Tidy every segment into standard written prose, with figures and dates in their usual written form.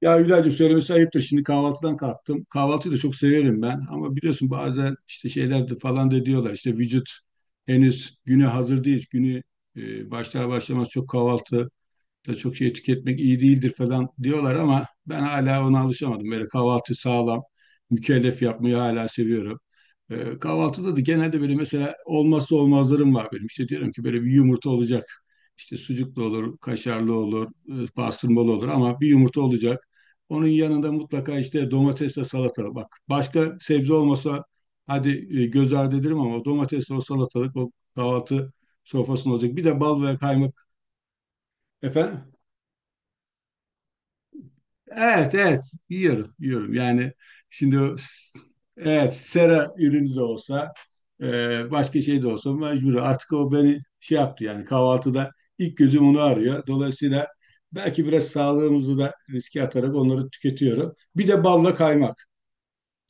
Ya Hülya'cığım söylemesi ayıptır. Şimdi kahvaltıdan kalktım. Kahvaltıyı da çok severim ben. Ama biliyorsun bazen işte şeyler de falan da diyorlar. İşte vücut henüz güne hazır değil. Günü başlar başlamaz çok kahvaltı da çok şey tüketmek iyi değildir falan diyorlar ama ben hala ona alışamadım. Böyle kahvaltı sağlam, mükellef yapmayı hala seviyorum. Kahvaltıda da genelde böyle mesela olmazsa olmazlarım var benim. İşte diyorum ki böyle bir yumurta olacak. İşte sucuklu olur, kaşarlı olur, pastırmalı olur ama bir yumurta olacak. Onun yanında mutlaka işte domatesle salata. Bak başka sebze olmasa hadi göz ardı ederim ama o domatesle o salatalık o kahvaltı sofrasında olacak. Bir de bal ve kaymak efendim. Evet, evet. Yiyorum, yiyorum. Yani şimdi evet, sera ürünü de olsa, başka şey de olsa mecbur. Artık o beni şey yaptı yani kahvaltıda ilk gözüm onu arıyor. Dolayısıyla belki biraz sağlığımızı da riske atarak onları tüketiyorum. Bir de balla kaymak.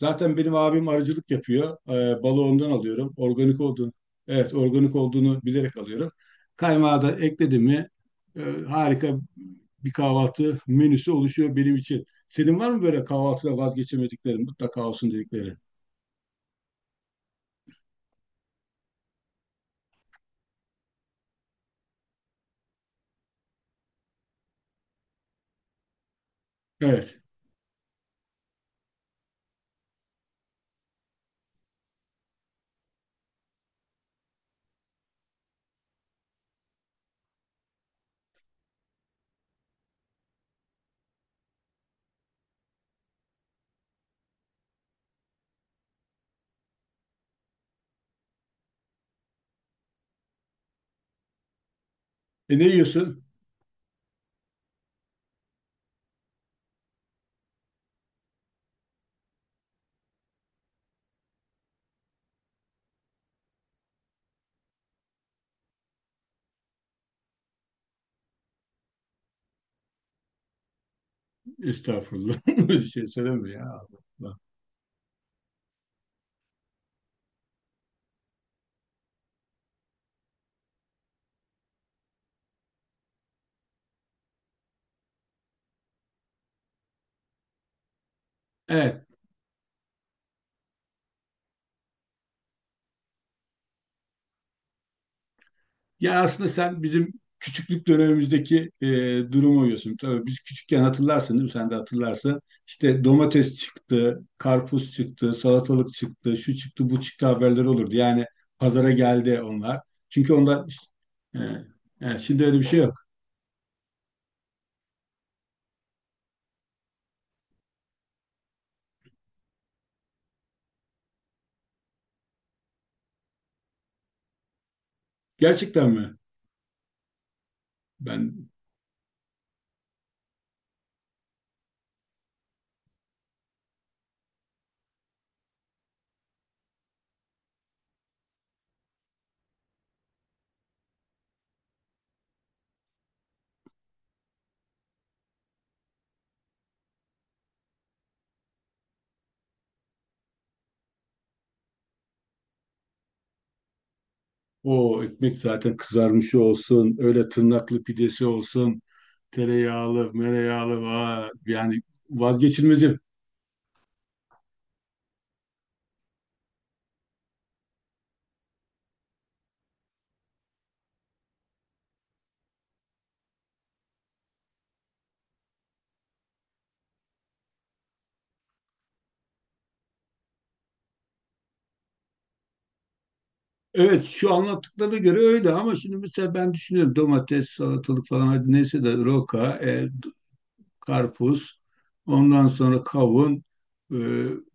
Zaten benim abim arıcılık yapıyor. Balı ondan alıyorum. Organik olduğunu, evet organik olduğunu bilerek alıyorum. Kaymağı da ekledim mi e, harika bir kahvaltı menüsü oluşuyor benim için. Senin var mı böyle kahvaltıda vazgeçemediklerin, mutlaka olsun dedikleri? Evet. E ne yiyorsun? Estağfurullah. Böyle şey söyleme ya. Allah. Evet. Yani aslında sen bizim küçüklük dönemimizdeki durumu uyuyorsun. Tabii biz küçükken hatırlarsın değil mi? Sen de hatırlarsın. İşte domates çıktı, karpuz çıktı, salatalık çıktı, şu çıktı, bu çıktı haberleri olurdu. Yani pazara geldi onlar. Çünkü onlar e, yani şimdi öyle bir şey yok. Gerçekten mi? Ben o ekmek zaten kızarmışı olsun, öyle tırnaklı pidesi olsun, tereyağlı, mereyağlı, vay, yani vazgeçilmezim. Evet, şu anlattıklarına göre öyle ama şimdi mesela ben düşünüyorum domates, salatalık falan hadi neyse de roka, karpuz, ondan sonra kavun. Ee,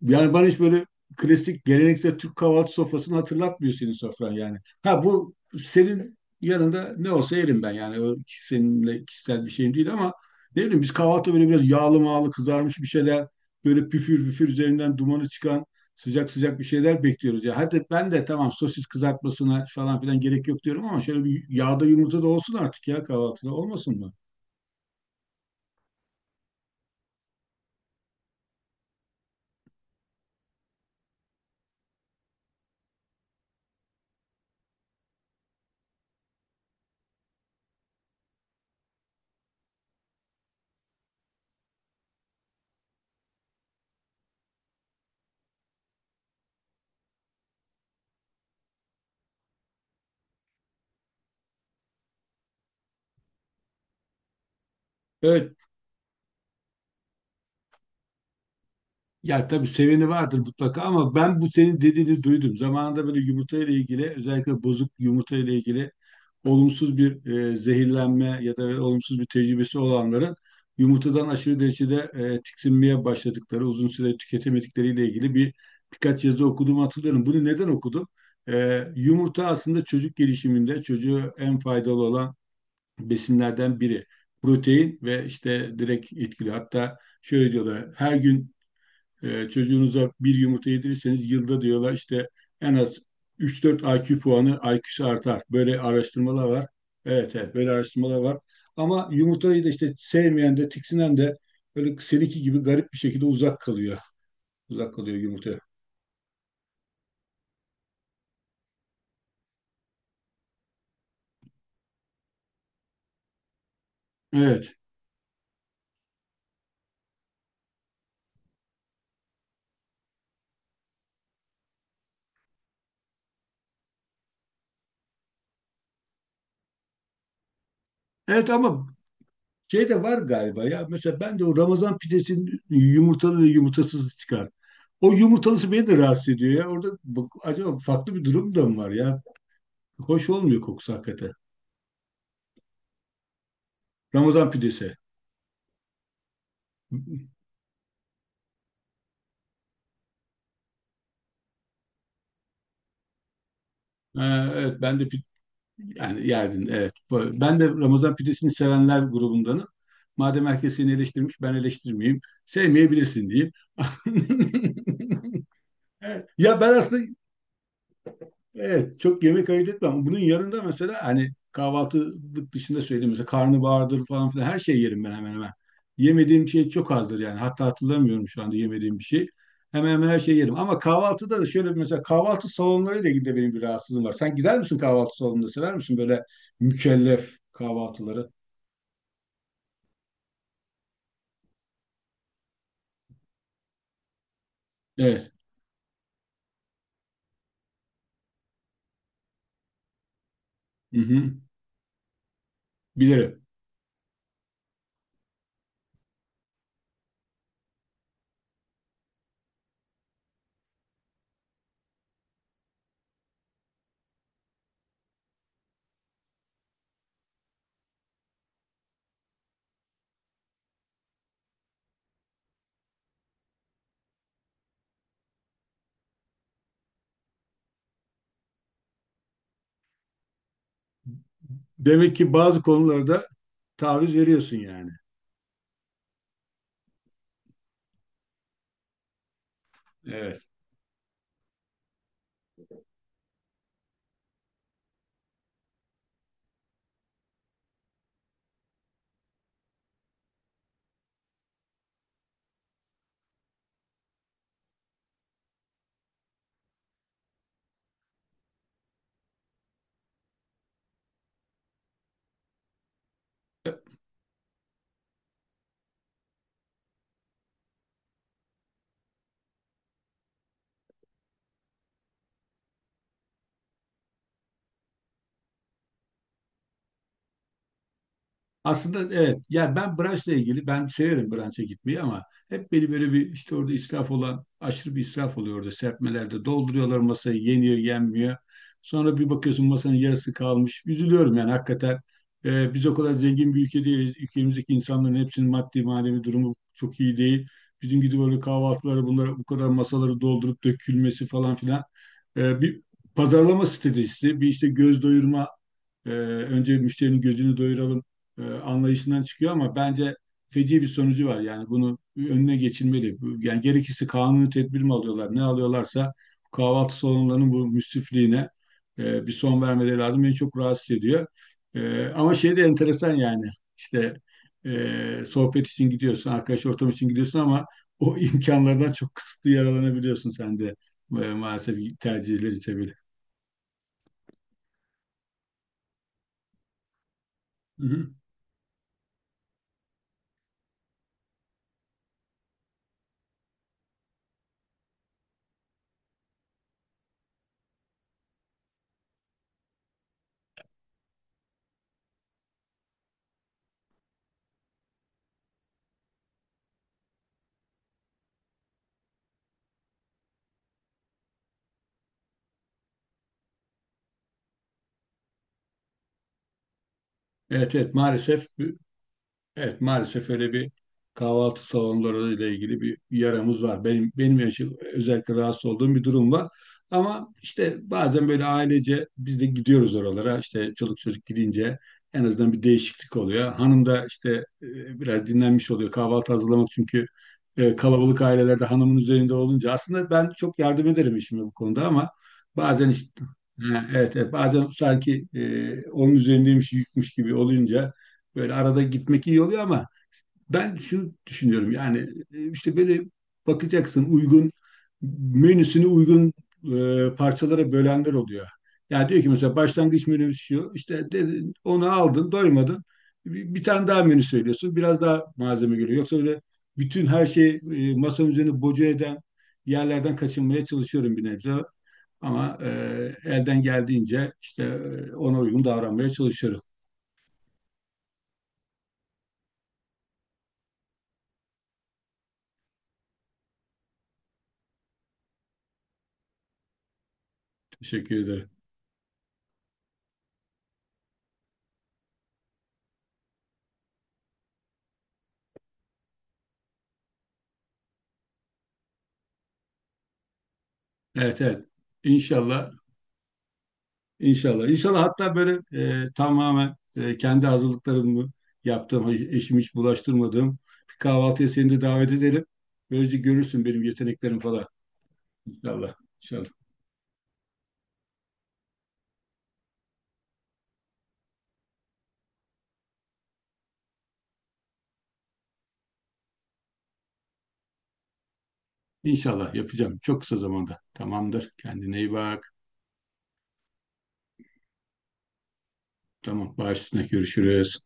Yani bana hiç böyle klasik geleneksel Türk kahvaltı sofrasını hatırlatmıyor senin sofran yani. Ha, bu senin yanında ne olsa yerim ben yani o seninle kişisel bir şeyim değil ama ne bileyim biz kahvaltı böyle biraz yağlı mağlı kızarmış bir şeyler, böyle püfür püfür üzerinden dumanı çıkan sıcak sıcak bir şeyler bekliyoruz ya. Hadi ben de tamam, sosis kızartmasına falan filan gerek yok diyorum ama şöyle bir yağda yumurta da olsun artık ya, kahvaltıda olmasın mı? Evet. Ya tabii, seveni vardır mutlaka ama ben bu senin dediğini duydum. Zamanında böyle yumurta ile ilgili, özellikle bozuk yumurta ile ilgili olumsuz bir zehirlenme ya da olumsuz bir tecrübesi olanların yumurtadan aşırı derecede tiksinmeye başladıkları, uzun süre tüketemedikleriyle ilgili bir birkaç yazı okuduğumu hatırlıyorum. Bunu neden okudum? Yumurta aslında çocuk gelişiminde çocuğu en faydalı olan besinlerden biri. Protein ve işte direkt etkili. Hatta şöyle diyorlar, her gün çocuğunuza bir yumurta yedirirseniz yılda diyorlar işte en az 3-4 IQ puanı IQ'su artar. Böyle araştırmalar var. Evet, evet böyle araştırmalar var. Ama yumurtayı da işte sevmeyen de tiksinen de böyle seninki gibi garip bir şekilde uzak kalıyor. Uzak kalıyor yumurta. Evet. Evet ama şey de var galiba ya. Mesela ben de o Ramazan pidesinin yumurtalı ve yumurtasız çıkar. O yumurtalısı beni de rahatsız ediyor ya. Orada acaba farklı bir durum da mı var ya? Hoş olmuyor kokusu hakikaten. Ramazan pidesi. Ee, evet, yani yerdin, evet. Ben de Ramazan pidesini sevenler grubundanım. Madem herkes seni eleştirmiş ben eleştirmeyeyim. Sevmeyebilirsin diyeyim. Evet. Ya ben aslında evet, çok yemek ayırt etmem. Bunun yanında mesela hani kahvaltılık dışında söyleyeyim, mesela karnabahardır falan filan her şey yerim ben hemen hemen. Yemediğim şey çok azdır yani. Hatta hatırlamıyorum şu anda yemediğim bir şey. Hemen hemen her şeyi yerim. Ama kahvaltıda da şöyle bir, mesela kahvaltı salonlarıyla ilgili de benim bir rahatsızlığım var. Sen gider misin kahvaltı salonunda? Sever misin böyle mükellef kahvaltıları? Evet. Hı hı. Bilirim. Demek ki bazı konularda taviz veriyorsun yani. Evet. Aslında evet. Yani ben branşla ilgili, ben severim branşa gitmeyi ama hep beni böyle bir, işte orada israf olan, aşırı bir israf oluyor orada serpmelerde. Dolduruyorlar masayı, yeniyor yenmiyor. Sonra bir bakıyorsun masanın yarısı kalmış. Üzülüyorum yani hakikaten. Biz o kadar zengin bir ülke değiliz. Ülkemizdeki insanların hepsinin maddi manevi durumu çok iyi değil. Bizim gibi böyle kahvaltıları, bunlara bu kadar masaları doldurup dökülmesi falan filan. Bir pazarlama stratejisi, bir işte göz doyurma, önce müşterinin gözünü doyuralım anlayışından çıkıyor ama bence feci bir sonucu var. Yani bunu önüne geçilmeli. Yani gerekirse kanuni tedbir mi alıyorlar, ne alıyorlarsa, kahvaltı salonlarının bu müsrifliğine bir son vermeleri lazım. Beni çok rahatsız ediyor. Ama şey de enteresan yani, işte sohbet için gidiyorsun, arkadaş ortamı için gidiyorsun ama o imkanlardan çok kısıtlı yararlanabiliyorsun sen de, maalesef tercihleri sebebiyle. Hı hı. Evet, evet, maalesef. Evet, maalesef öyle bir, kahvaltı salonları ile ilgili bir yaramız var. Benim yaşım, özellikle rahatsız olduğum bir durum var. Ama işte bazen böyle ailece biz de gidiyoruz oralara. İşte çoluk çocuk gidince en azından bir değişiklik oluyor. Hanım da işte biraz dinlenmiş oluyor, kahvaltı hazırlamak çünkü kalabalık ailelerde hanımın üzerinde olunca. Aslında ben çok yardım ederim eşime bu konuda ama bazen işte. Ha, evet, evet, bazen sanki onun üzerindeymiş, yükmüş gibi olunca. Böyle arada gitmek iyi oluyor ama ben şunu düşünüyorum yani, işte böyle bakacaksın, uygun menüsünü uygun parçalara bölenler oluyor. Yani diyor ki mesela, başlangıç menüsü şu işte dedin, onu aldın doymadın, bir tane daha menü söylüyorsun, biraz daha malzeme geliyor. Yoksa öyle bütün her şey masanın üzerine boca eden yerlerden kaçınmaya çalışıyorum bir nebze ama elden geldiğince işte ona uygun davranmaya çalışıyorum. Teşekkür ederim. Evet, evet. İnşallah, inşallah. İnşallah hatta böyle tamamen kendi hazırlıklarımı yaptığım, eşimi hiç bulaştırmadığım bir kahvaltıya seni de davet edelim. Böylece görürsün benim yeteneklerim falan. İnşallah, inşallah. İnşallah yapacağım. Çok kısa zamanda. Tamamdır. Kendine iyi bak. Tamam, baş üstüne. Görüşürüz.